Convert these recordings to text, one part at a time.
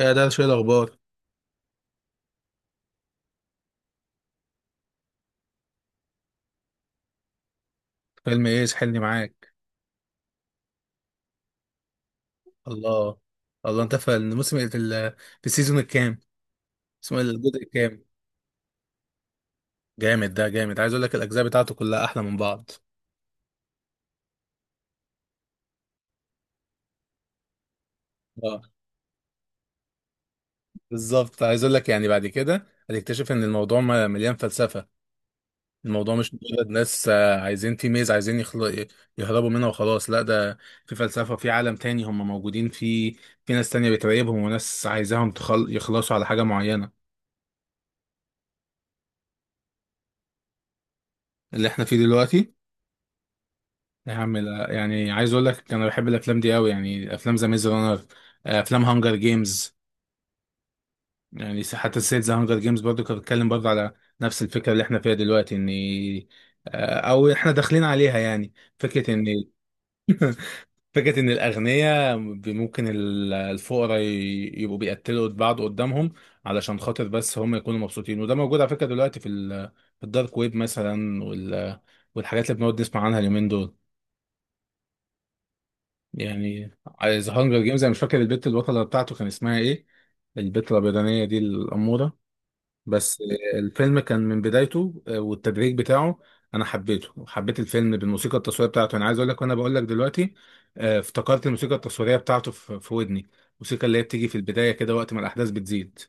يا ده شوية الأخبار. فيلم إيه سحلني معاك؟ الله. الله، أنت في الموسم في في السيزون الكام؟ اسمه إيه، الجزء الكام؟ جامد، ده جامد، عايز أقول لك الأجزاء بتاعته كلها أحلى من بعض. اه، بالظبط. عايز أقول لك يعني بعد كده هتكتشف إن الموضوع مليان فلسفة. الموضوع مش مجرد ناس، عايزين تيميز، عايزين يهربوا منها وخلاص. لا، ده في فلسفة، في عالم تاني هم موجودين فيه. في ناس تانية بتراقبهم، وناس عايزاهم يخلصوا على حاجة معينة. اللي احنا فيه دلوقتي. يا عم لا، يعني عايز اقول لك، انا بحب الافلام دي قوي، يعني افلام ذا ميز رانر، افلام هانجر جيمز. يعني حتى سلسله ذا هانجر جيمز برضو كانت بتتكلم برضو على نفس الفكره اللي احنا فيها دلوقتي، ان او احنا داخلين عليها يعني، فكره ان فكره ان الاغنياء ممكن الفقراء يبقوا بيقتلوا بعض قدامهم علشان خاطر بس هم يكونوا مبسوطين. وده موجود على فكره دلوقتي في الدارك ويب مثلا، والحاجات اللي بنقعد نسمع عنها اليومين دول. يعني ذا هانجر جيمز انا مش فاكر البت البطله بتاعته كان اسمها ايه، البت الابيضانيه دي الاموره بس. الفيلم كان من بدايته والتدريج بتاعه، انا حبيته وحبيت الفيلم بالموسيقى التصويريه بتاعته. انا عايز اقول لك، وانا بقول لك دلوقتي، افتكرت الموسيقى التصويريه بتاعته في ودني، الموسيقى اللي هي بتيجي في البدايه كده وقت ما الاحداث بتزيد.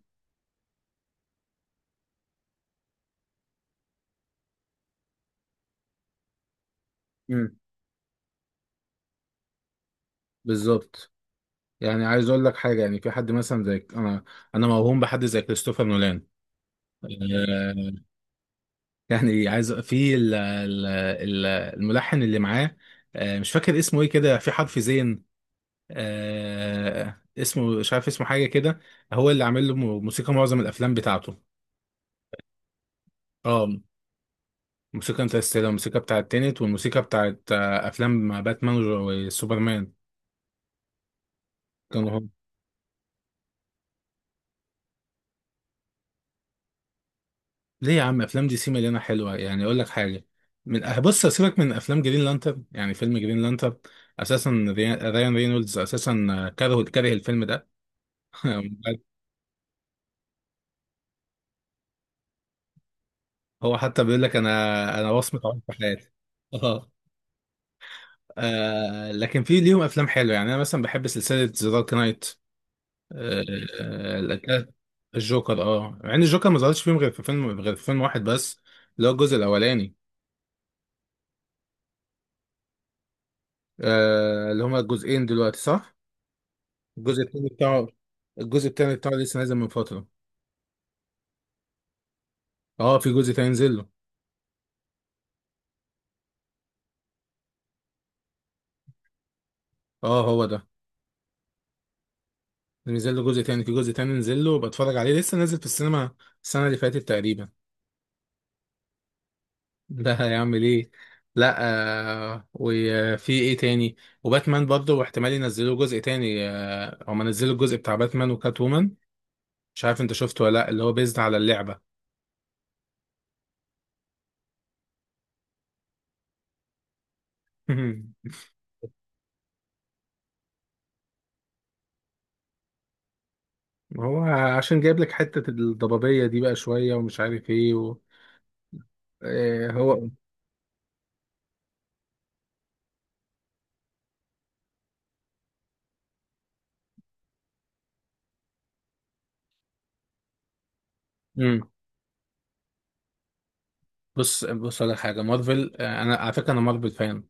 امم بالظبط. يعني عايز اقول لك حاجه، يعني في حد مثلا زي انا موهوم بحد زي كريستوفر نولان. آه، يعني عايز في ال الملحن اللي معاه، مش فاكر اسمه ايه كده، في حرف زين، اسمه مش عارف، اسمه حاجه كده، هو اللي عامل له موسيقى معظم الافلام بتاعته. اه. موسيقى انترستيلر، الموسيقى بتاعت تينت، والموسيقى بتاعت افلام باتمان وسوبرمان. كانوا هم. ليه يا عم، افلام دي سي مليانه حلوه، يعني اقول لك حاجه، من آه، بص، سيبك من افلام جرين لانترن، يعني فيلم جرين لانترن اساسا، ريان رينولدز اساسا كره الفيلم ده. هو حتى بيقول لك انا وصمة عمري في حياتي. اه، لكن في ليهم افلام حلوه، يعني انا مثلا بحب سلسله ذا دارك نايت. آه، آه، الأك- الجوكر، اه، مع ان الجوكر ما ظهرش فيهم غير في فيلم، غير في فيلم واحد بس، اللي هو الجزء الاولاني. اللي هما الجزئين دلوقتي، صح. الجزء التاني بتاعه الجزء التاني بتاعه لسه نازل من فتره. اه، في جزء تاني نزل له. اه، هو ده، نزل له جزء تاني، في جزء تاني نزل له، بتفرج عليه، لسه نازل في السينما السنه اللي فاتت تقريبا. ده هيعمل ايه؟ لا. وفي ايه تاني؟ وباتمان برضه، واحتمال ينزلوا جزء تاني، هما نزلوا الجزء بتاع باتمان وكات وومن، مش عارف انت شفته ولا لا، اللي هو بيزد على اللعبة. هو عشان جايب لك حتة الضبابية دي بقى شوية، ومش عارف ايه آه هو مم. بص على حاجه، مارفل، انا على فكره انا مارفل فان.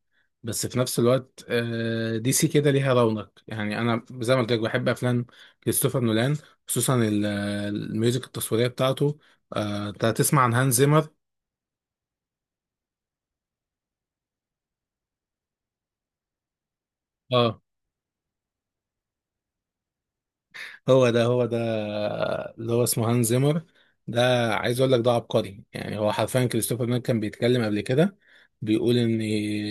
بس في نفس الوقت دي سي كده ليها رونق، يعني انا زي ما قلت لك بحب افلام كريستوفر نولان، خصوصا الميوزك التصويريه بتاعته. انت هتسمع عن هانز زيمر. اه، هو ده اللي هو اسمه هانز زيمر ده. عايز اقول لك ده عبقري، يعني هو حرفيا كريستوفر نولان كان بيتكلم قبل كده بيقول ان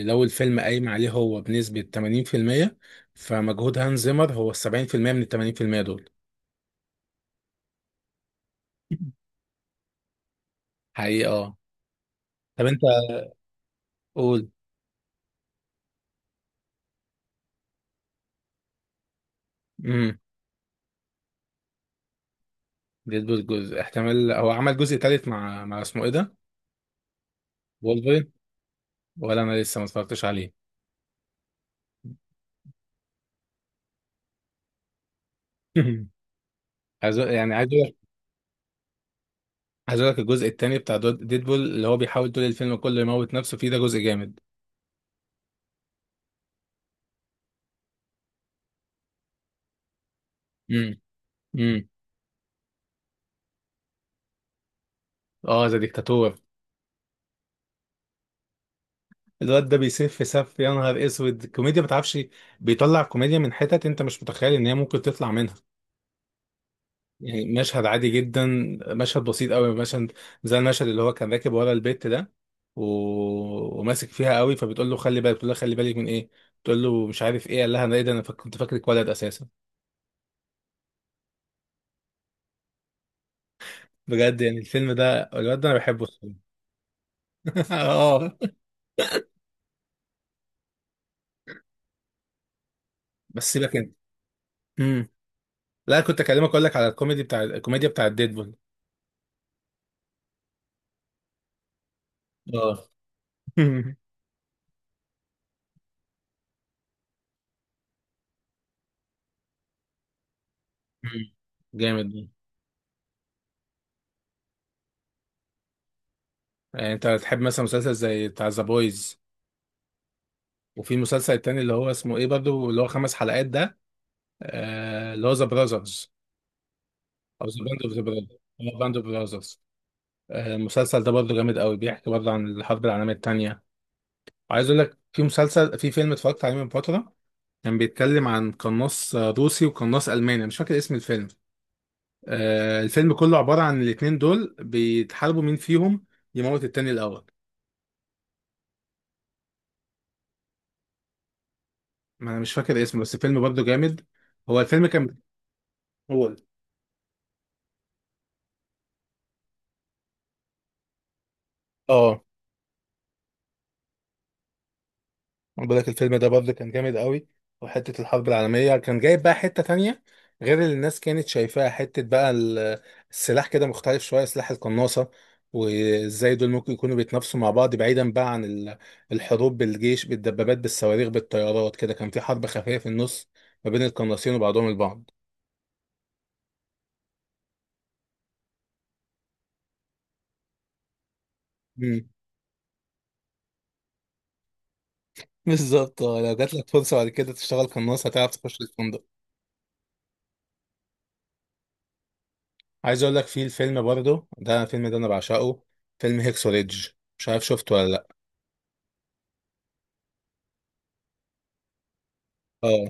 لو الفيلم قايم عليه هو بنسبة 80%، فمجهود هانز زيمر هو ال 70% من ال 80% دول. حقيقة، اه. طب انت قول. امم ديدبول جزء، احتمال هو عمل جزء تالت مع اسمه ايه ده؟ وولفرين. ولا انا لسه ما اتفرجتش عليه. عايز أقول- يعني عايز عايز اقول لك الجزء التاني بتاع ديدبول اللي هو بيحاول طول الفيلم كله يموت نفسه فيه، ده جزء جامد. امم، امم، اه. ذا ديكتاتور. الواد ده بيسف سف، يا نهار اسود الكوميديا ما تعرفش، بيطلع كوميديا من حتت انت مش متخيل ان هي ممكن تطلع منها. يعني مشهد عادي جدا، مشهد بسيط قوي، مشهد زي المشهد اللي هو كان راكب ورا البيت ده و... وماسك فيها قوي، فبتقول له خلي بالك، بتقول له خلي بالك من ايه، بتقول له مش عارف ايه، قال لها انا ايه ده، انا كنت فاكرك ولد اساسا. بجد، يعني الفيلم ده الواد ده انا بحبه الصراحة. اه، بس سيبك انت. امم لا كنت اكلمك، اقول لك على الكوميدي بتاع، الكوميديا بتاع ديدبول. اه. مم. جامد ده. يعني انت تحب مثلا مسلسل زي بتاع ذا بويز، وفي مسلسل تاني اللي هو اسمه ايه برضو، اللي هو خمس حلقات ده، اللي هو ذا براذرز، او ذا باند اوف ذا براذرز، باند اوف براذرز. المسلسل ده برضو جامد قوي، بيحكي برضو عن الحرب العالميه التانيه. وعايز اقول لك في مسلسل، في فيلم اتفرجت عليه من فتره، كان بيتكلم عن قناص روسي وقناص الماني، مش فاكر اسم الفيلم. الفيلم كله عبارة عن الاتنين دول بيتحاربوا مين فيهم يموت التاني الأول. ما أنا مش فاكر اسمه، بس الفيلم برضه جامد. هو الفيلم كان، هو اه أنا بقول لك الفيلم ده برضه كان جامد قوي. وحتة الحرب العالمية كان جايب بقى حتة تانية، غير اللي الناس كانت شايفاها، حتة بقى السلاح كده مختلف شوية، سلاح القناصة، وازاي دول ممكن يكونوا بيتنافسوا مع بعض بعيدا بقى عن الحروب بالجيش بالدبابات بالصواريخ بالطيارات. كده كان في حرب خفية في النص ما بين القناصين وبعضهم البعض. بالظبط، اه. لو جات لك فرصه بعد كده تشتغل قناص، هتعرف تخش الفندق. عايز اقول لك في الفيلم برضه ده، الفيلم ده انا بعشقه، فيلم هيكسو ريدج، مش عارف شفته ولا لا. اه،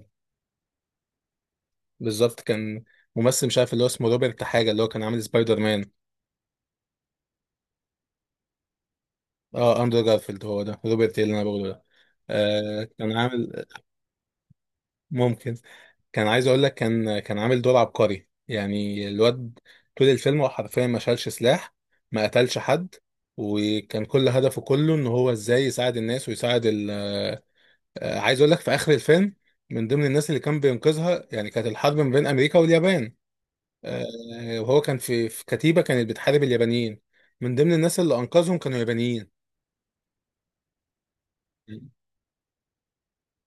بالظبط. كان ممثل مش عارف اللي هو اسمه روبرت حاجه، اللي هو كان عامل سبايدر مان. اه، اندرو جارفيلد، هو ده، روبرت إيه اللي انا بقوله ده. كان عامل، ممكن. كان عايز اقول لك، كان عامل دور عبقري، يعني الواد طول الفيلم هو حرفيا ما شالش سلاح، ما قتلش حد، وكان كل هدفه كله ان هو ازاي يساعد الناس ويساعد ال عايز اقول لك في اخر الفيلم، من ضمن الناس اللي كان بينقذها، يعني كانت الحرب ما بين امريكا واليابان، آه، وهو كان في كتيبة كانت بتحارب اليابانيين، من ضمن الناس اللي انقذهم كانوا يابانيين.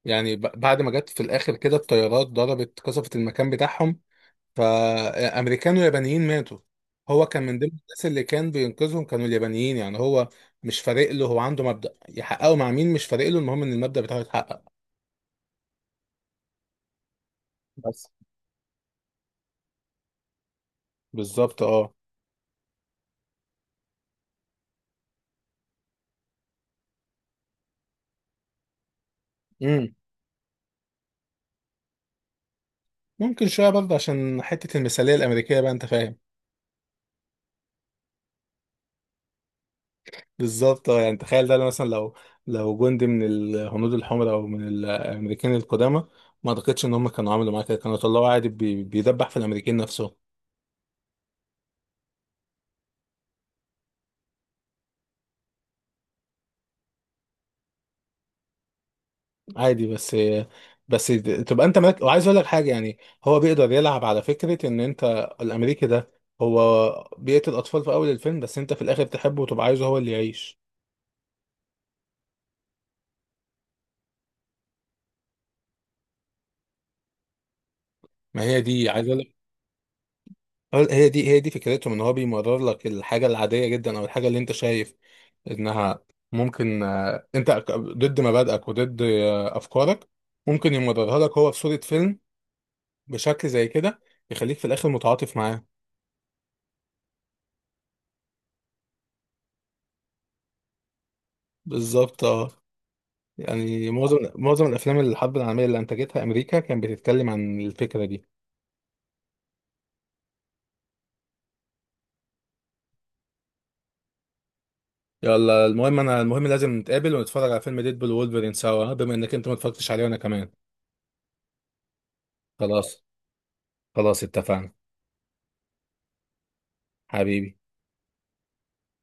يعني بعد ما جت في الاخر كده الطيارات ضربت، قصفت المكان بتاعهم، فامريكان ويابانيين ماتوا. هو كان من ضمن الناس اللي كان بينقذهم كانوا اليابانيين، يعني هو مش فارق له، هو عنده مبدأ يحققه مع مين مش فارق له، المهم ان المبدأ بتاعه يتحقق. بس. بالظبط، اه. امم ممكن شويه برضه عشان حته المثاليه الامريكيه بقى، انت فاهم. بالظبط، اه. يعني تخيل ده، لو مثلا، لو جندي من الهنود الحمر او من الامريكان القدامى، ما اعتقدش ان هم كانوا عملوا معاه كده، كانوا طلعوا عادي بيدبح في الامريكان نفسهم عادي. بس بس تبقى انت مالك. وعايز اقول لك حاجه، يعني هو بيقدر يلعب على فكره ان انت الامريكي ده هو بيقتل اطفال في اول الفيلم، بس انت في الاخر تحبه وتبقى عايزه هو اللي يعيش. ما هي دي عايز اقول لك، هي دي فكرتهم، ان هو بيمرر لك الحاجه العاديه جدا او الحاجه اللي انت شايف انها ممكن انت ضد مبادئك وضد افكارك، ممكن يمررها لك هو في صوره فيلم بشكل زي كده يخليك في الاخر متعاطف معاه. بالظبط، اه. يعني معظم الافلام الحرب العالميه اللي انتجتها امريكا كان بتتكلم عن الفكره دي. يلا المهم، المهم لازم نتقابل ونتفرج على فيلم ديدبول وولفرين سوا، بما انك انت ما اتفرجتش عليه وانا كمان. خلاص، خلاص اتفقنا. حبيبي.